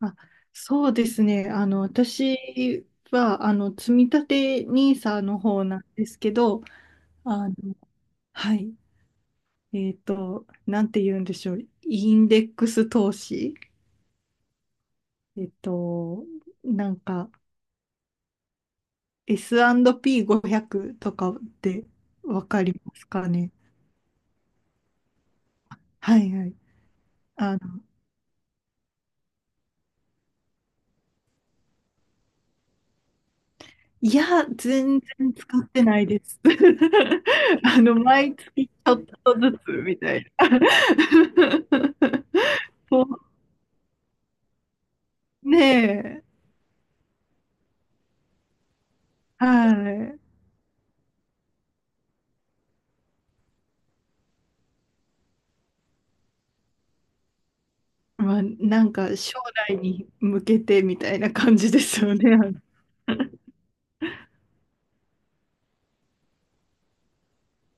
あ、そうですね。私は、積み立て n i s の方なんですけど、あの、はい。なんて言うんでしょう。インデックス投資。えっと、なんか、S&P500 とかってわかりますかね？はいはい。あの、いや、全然使ってないです。毎月ちょっとずつみたいな。そうねえ、はい。まあ、なんか将来に向けてみたいな感じですよね。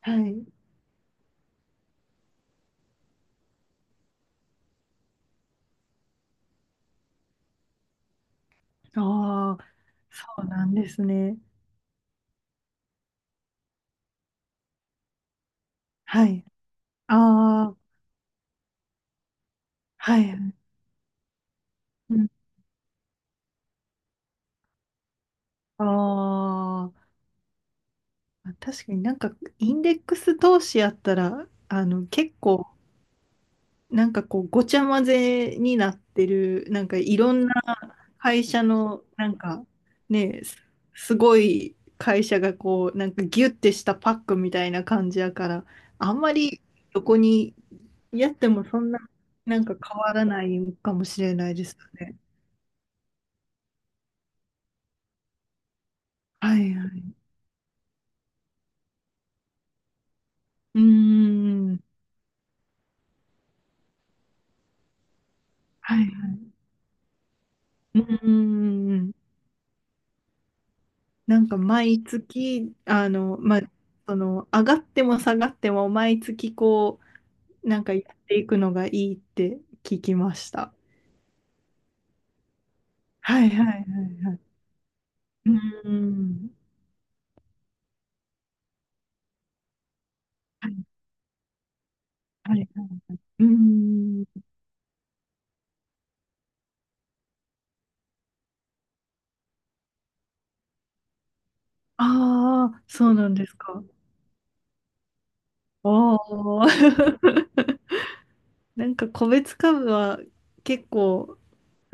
はい。ああ、そうなんですね。はい。ああ、はい。うん、あまあ、確かになんかインデックス投資やったら、結構、なんかこう、ごちゃ混ぜになってる、なんかいろんな会社のなんかねすすごい会社がこうなんかギュッてしたパックみたいな感じやからあんまりどこにやってもそんななんか変わらないかもしれないですよね。はいはい。うーん。はいはい。うーん。なんか毎月まあその上がっても下がっても毎月こうなんかやっていくのがいいって聞きました。はいはいはいはい。うーん。はい、はい、はい。はいうん。ああ、そうなんですか？おお。なんか、個別株は結構、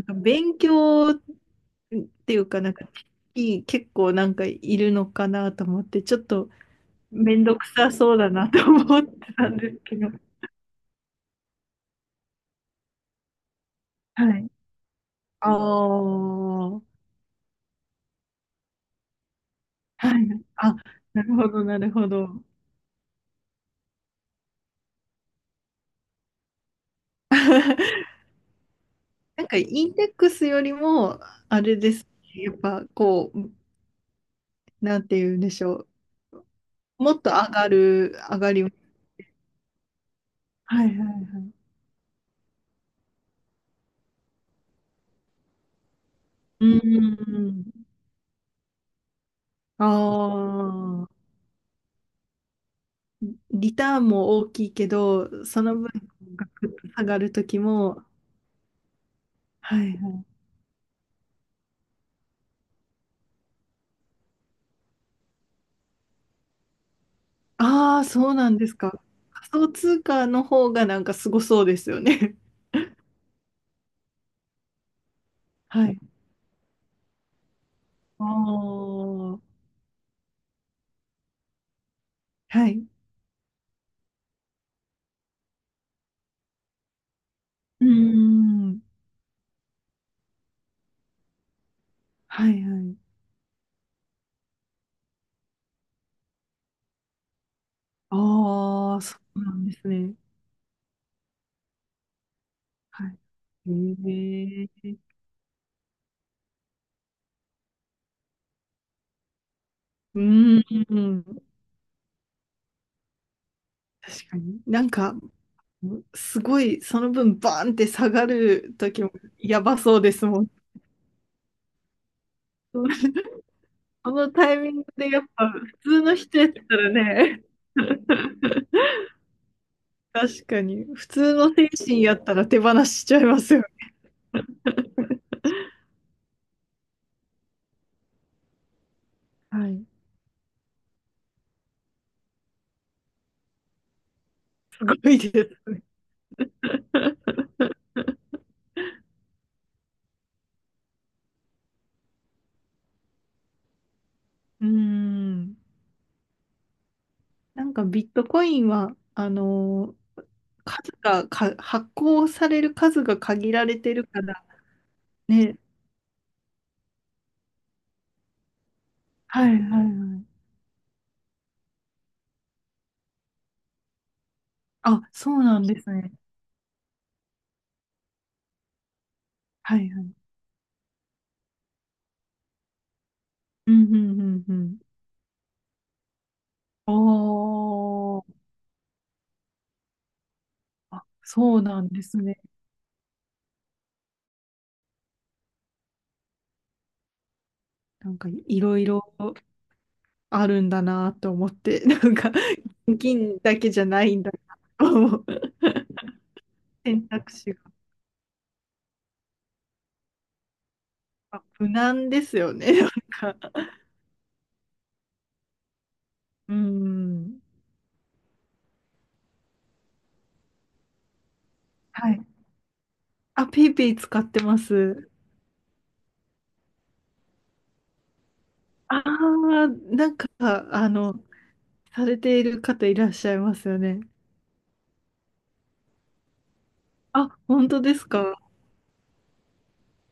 なんか勉強っていうか、なんか、いい結構なんかいるのかなと思って、ちょっとめんどくさそうだなと思ってたんですけど。はい。ああ、はい。あ、なるほど、なるほど。なんかインデックスよりも、あれですね。やっぱこう、なんて言うんでしょう。もっと上がり。はいはいはい。うん。ああー。リターンも大きいけど、その分、ガクッと下がるときも、はいはい。ああ、そうなんですか？仮想通貨の方がなんかすごそうですよね。はい。ああ。はい。うーん。はいはい。ああ、そうなんですね。はい。へえ。うーん。確かに。なんか、すごい、その分、バーンって下がる時もやばそうですもん。このタイミングでやっぱ、普通の人やったらね、確かに、普通の精神やったら手放しちゃいますよ。はい。すごいです。うーん。なんかビットコインは、数がか、発行される数が限られてるからね。はいはいはい。あ、そうなんですね。はいはい。うんうんうんうん。おー、あ、そうなんですね。なんかいろいろあるんだなと思って、なんか銀だけじゃないんだなと思う選択肢が。あ、無難ですよね、なんか。うん。はい。あ、ペイペイ使ってます。ああ、なんか、あの、されている方いらっしゃいますよね。あ、本当ですか？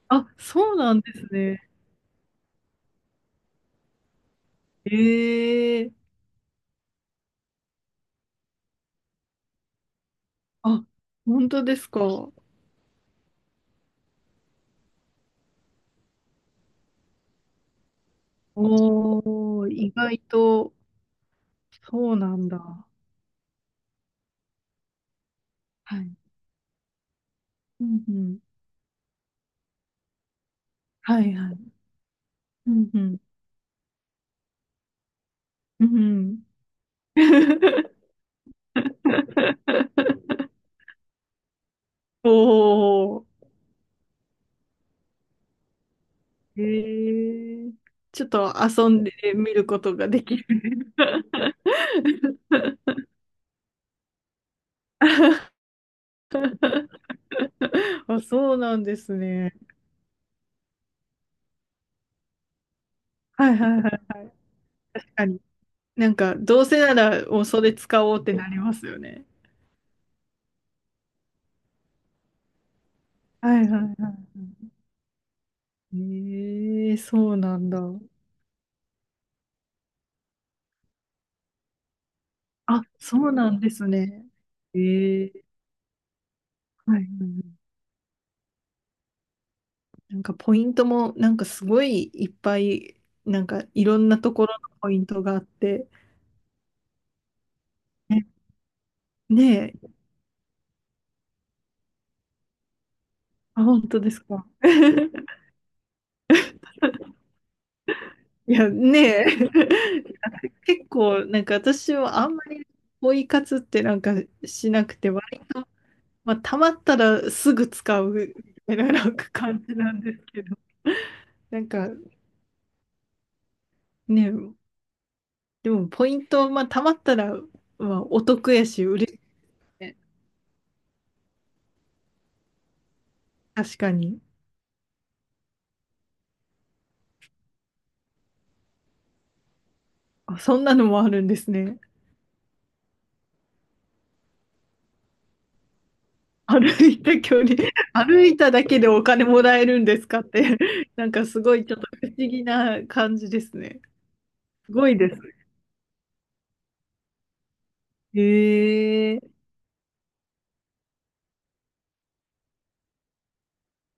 あ、そうなんですね。ええあ、本当ですか？おー、意外と、そうなんだ。はい。うんうん。はいはい。うんうん。うんうん。おー、ええちょっと遊んでみることができる。あ、そうなんですね。はいはいはい。確かになんか、どうせなら、もうそれ使おうってなりますよね。はいはいはいはい。ええ、そうなんだ。あ、そうなんですね。ええ。はいはいはい。なんかポイントも、なんかすごいいっぱい、なんかいろんなところのポイントがあって、ね。ねえ、あ、本当ですか？いや、ねえ、結構、なんか私はあんまりポイ活ってなんかしなくて、まあ、たまったらすぐ使うみたいな感じなんですけど。なんかね、でもポイント、まあ、たまったら、まあ、お得やし、嬉しいね。確かに。あ、そんなのもあるんですね。歩いた距離、歩いただけでお金もらえるんですかって、なんかすごいちょっと不思議な感じですね。すごいです。へえ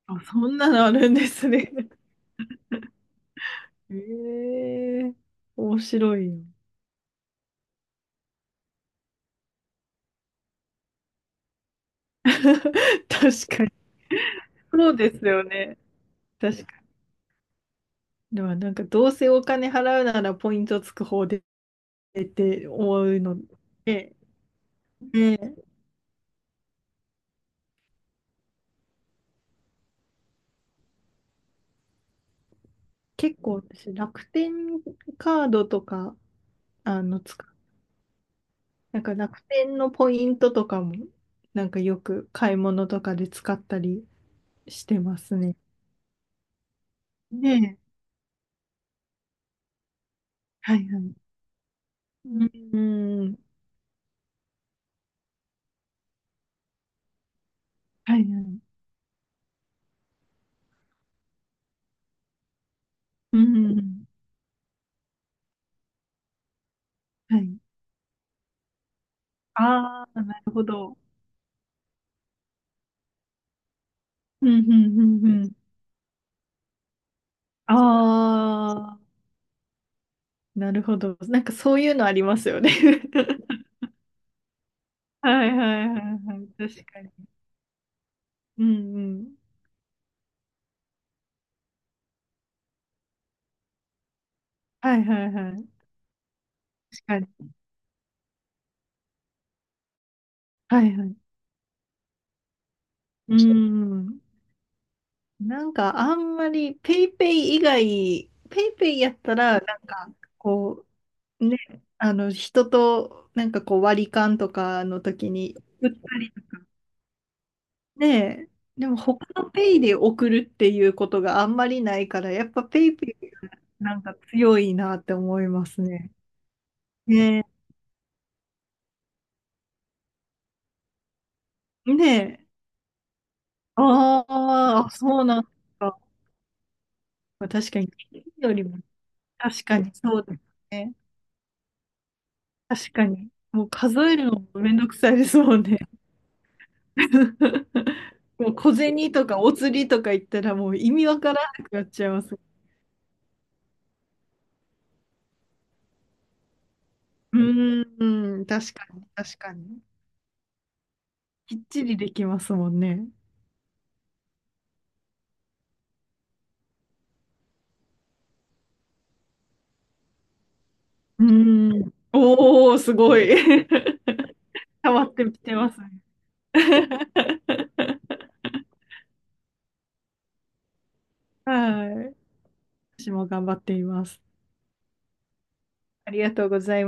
あ、そんなのあるんですね。へえ面白いよ。確かに。そうですよね。確かに。でもなんかどうせお金払うならポイントつく方でって思うので、ね結構私楽天カードとか、あの、使う、なんか楽天のポイントとかも、なんかよく買い物とかで使ったりしてますね。ねえ。はいはい。うん。うん。はいはい。うん。はい。ああ、なるほど。うん。うん。うん。うん。ああ。なるほど。なんかそういうのありますよね。はいはいはいはい。確かに。うんうん。はいはいはい。確かに。はいはい。うんうん。なんかあんまりペイペイ以外、ペイペイやったら、なんかこう、ね、あの人となんかこう割り勘とかの時に売ったりね、でも他のペイで送るっていうことがあんまりないから、やっぱペイペイがなんか強いなって思いますね。ねえねえ。あーあ、そうなんですか？確かに、金よりも、確かにそうですね。確かに。もう数えるのもめんどくさいですもんね。もう小銭とかお釣りとか言ったらもう意味わからなくなっちゃいます。うーん、確かに、確かに。きっちりできますもんね。うーん。おー、すごい。変わってきてますね。はい。私も頑張っています。ありがとうございます。